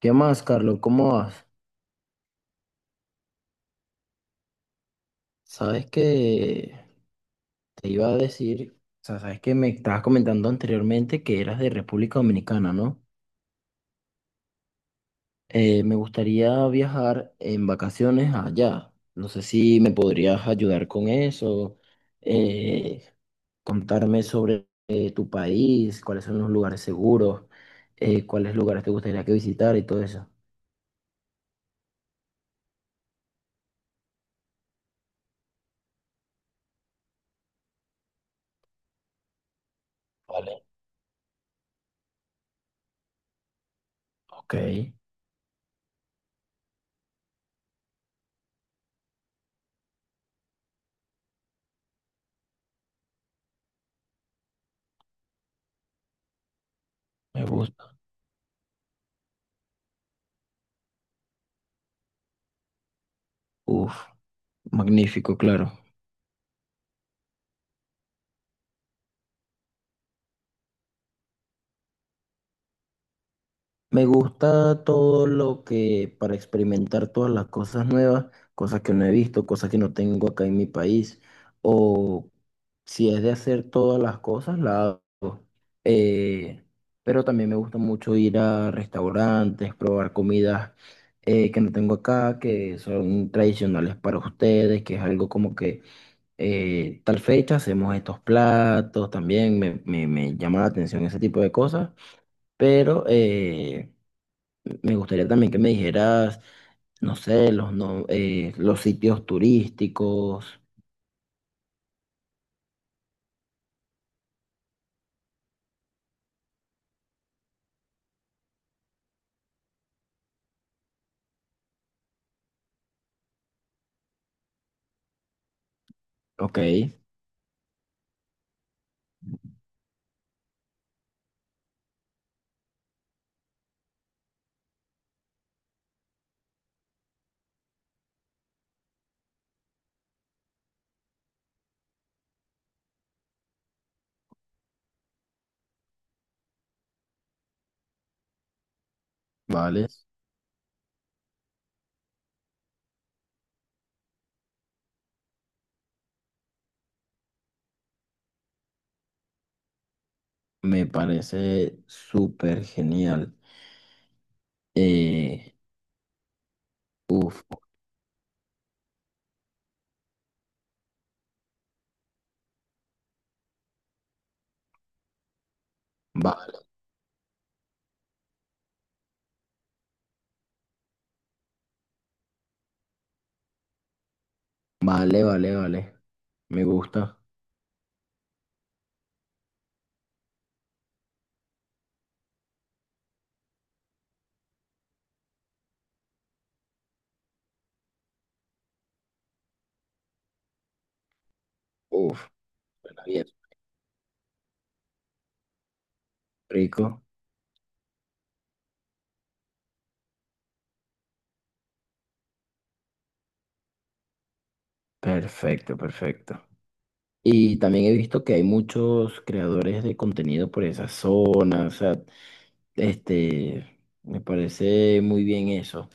¿Qué más, Carlos? ¿Cómo vas? Sabes que te iba a decir, o sea, sabes que me estabas comentando anteriormente que eras de República Dominicana, ¿no? Me gustaría viajar en vacaciones allá. No sé si me podrías ayudar con eso, eh, contarme sobre tu país, cuáles son los lugares seguros, cuáles lugares te gustaría que visitar y todo eso. Vale, ok, me gusta. Uf, magnífico, claro. Me gusta todo lo que para experimentar todas las cosas nuevas, cosas que no he visto, cosas que no tengo acá en mi país, o si es de hacer todas las cosas, la hago. Eh, pero también me gusta mucho ir a restaurantes, probar comidas que no tengo acá, que son tradicionales para ustedes, que es algo como que tal fecha hacemos estos platos, también me llama la atención ese tipo de cosas, pero... me gustaría también que me dijeras, no sé, los, no, los sitios turísticos. Ok, vale. Me parece súper genial. Eh, uf, vale, vale, vale, vale. Me gusta. Uf, suena bien. Rico. Perfecto, perfecto. Y también he visto que hay muchos creadores de contenido por esa zona. O sea, este, me parece muy bien eso.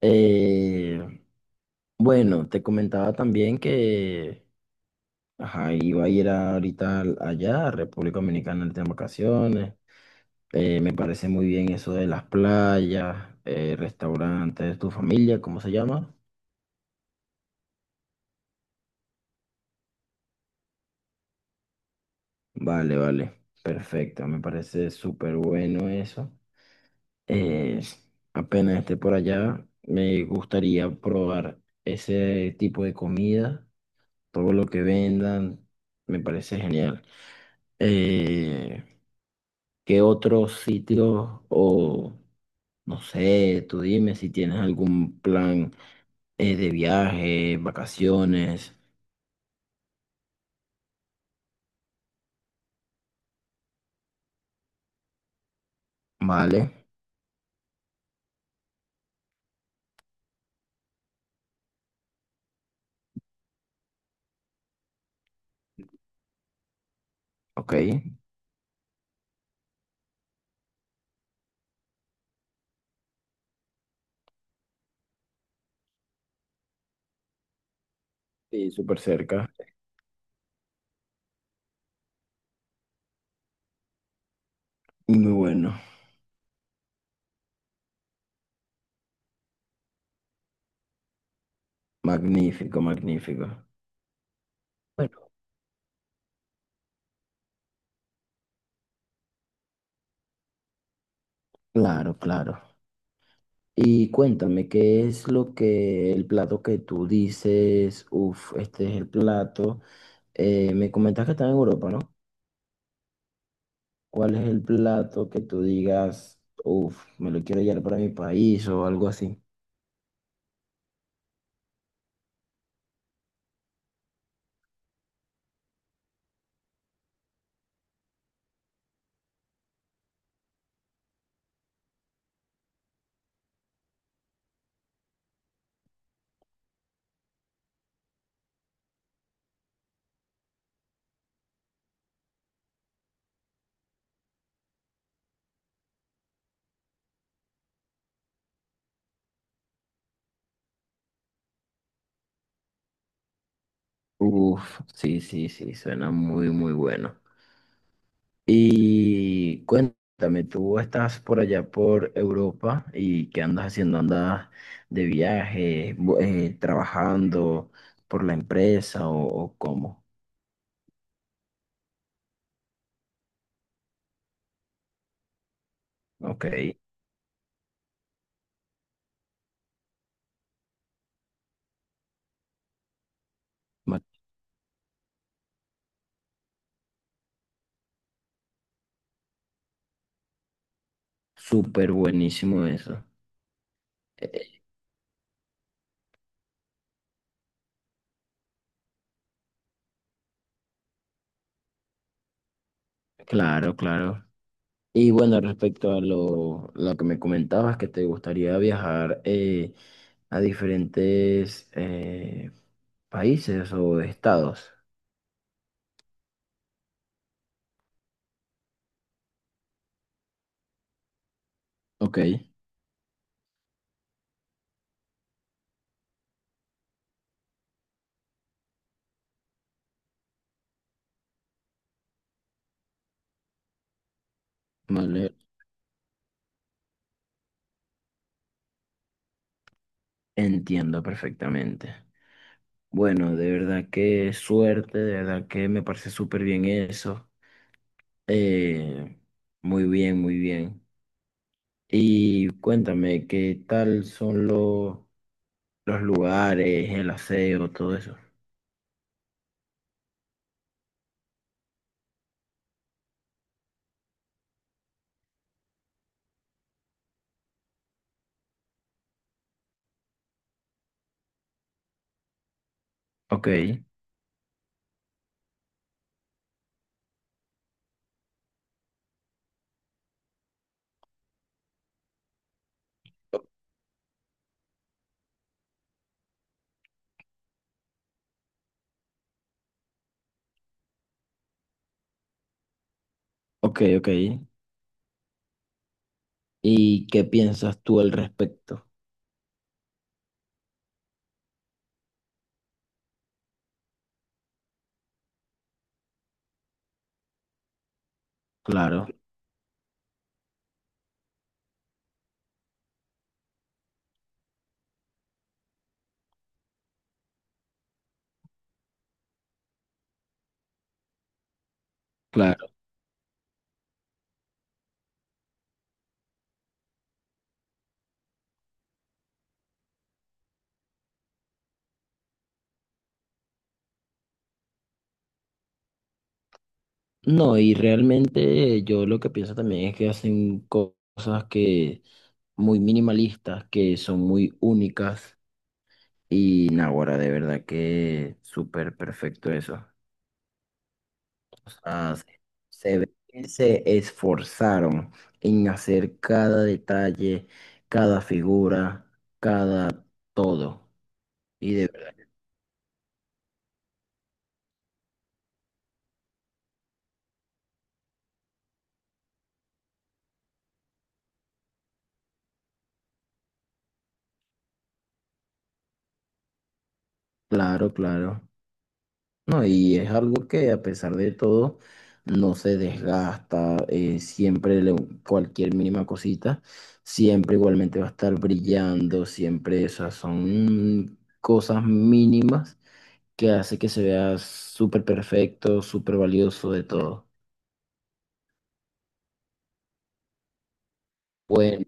Eh, Bueno, te comentaba también que ajá, iba a ir ahorita allá, a República Dominicana, ahorita en vacaciones. Me parece muy bien eso de las playas, restaurantes, tu familia, ¿cómo se llama? Vale, vale, perfecto, me parece súper bueno eso. Eh, Apenas esté por allá, me gustaría probar ese tipo de comida, todo lo que vendan, me parece genial. Eh, ¿Qué otros sitios o no sé, tú dime si tienes algún plan de viaje, vacaciones, ¿vale? Ok, sí, súper cerca. Muy bueno, magnífico, magnífico. Bueno, claro, claro. Y cuéntame, ¿qué es lo que, el plato que tú dices, uff, este es el plato? Me comentas que está en Europa, ¿no? ¿Cuál es el plato que tú digas, uff, me lo quiero llevar para mi país o algo así? Sí, sí, sí, suena muy, muy bueno. Y cuéntame, tú estás por allá por Europa y qué andas haciendo, andas de viaje, trabajando por la empresa o cómo. Ok, ma- súper buenísimo eso. Eh, claro, claro. Y bueno, respecto a lo que me comentabas, que te gustaría viajar a diferentes países o estados. Ok, vale, entiendo perfectamente. Bueno, de verdad que suerte, de verdad que me parece súper bien eso. Eh, muy bien, muy bien. Y cuéntame, ¿qué tal son los lugares, el aseo, todo eso? Ok, ok, ok. ¿Y qué piensas tú al respecto? Claro, claro. No, y realmente yo lo que pienso también es que hacen cosas que... muy minimalistas, que son muy únicas. Y Naguará, de verdad que súper perfecto eso. O sea, se ve que se esforzaron en hacer cada detalle, cada figura, cada todo. Y de verdad, claro, claro. No, y es algo que a pesar de todo no se desgasta, siempre cualquier mínima cosita, siempre igualmente va a estar brillando, siempre esas son cosas mínimas que hace que se vea súper perfecto, súper valioso de todo. Bueno,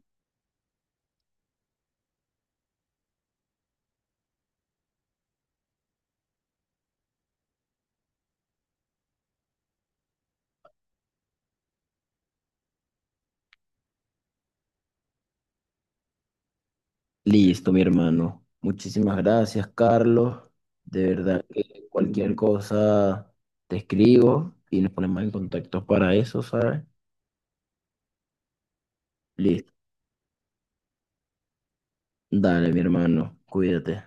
listo, mi hermano. Muchísimas gracias, Carlos. De verdad que cualquier cosa te escribo y nos ponemos en contacto para eso, ¿sabes? Listo. Dale, mi hermano, cuídate.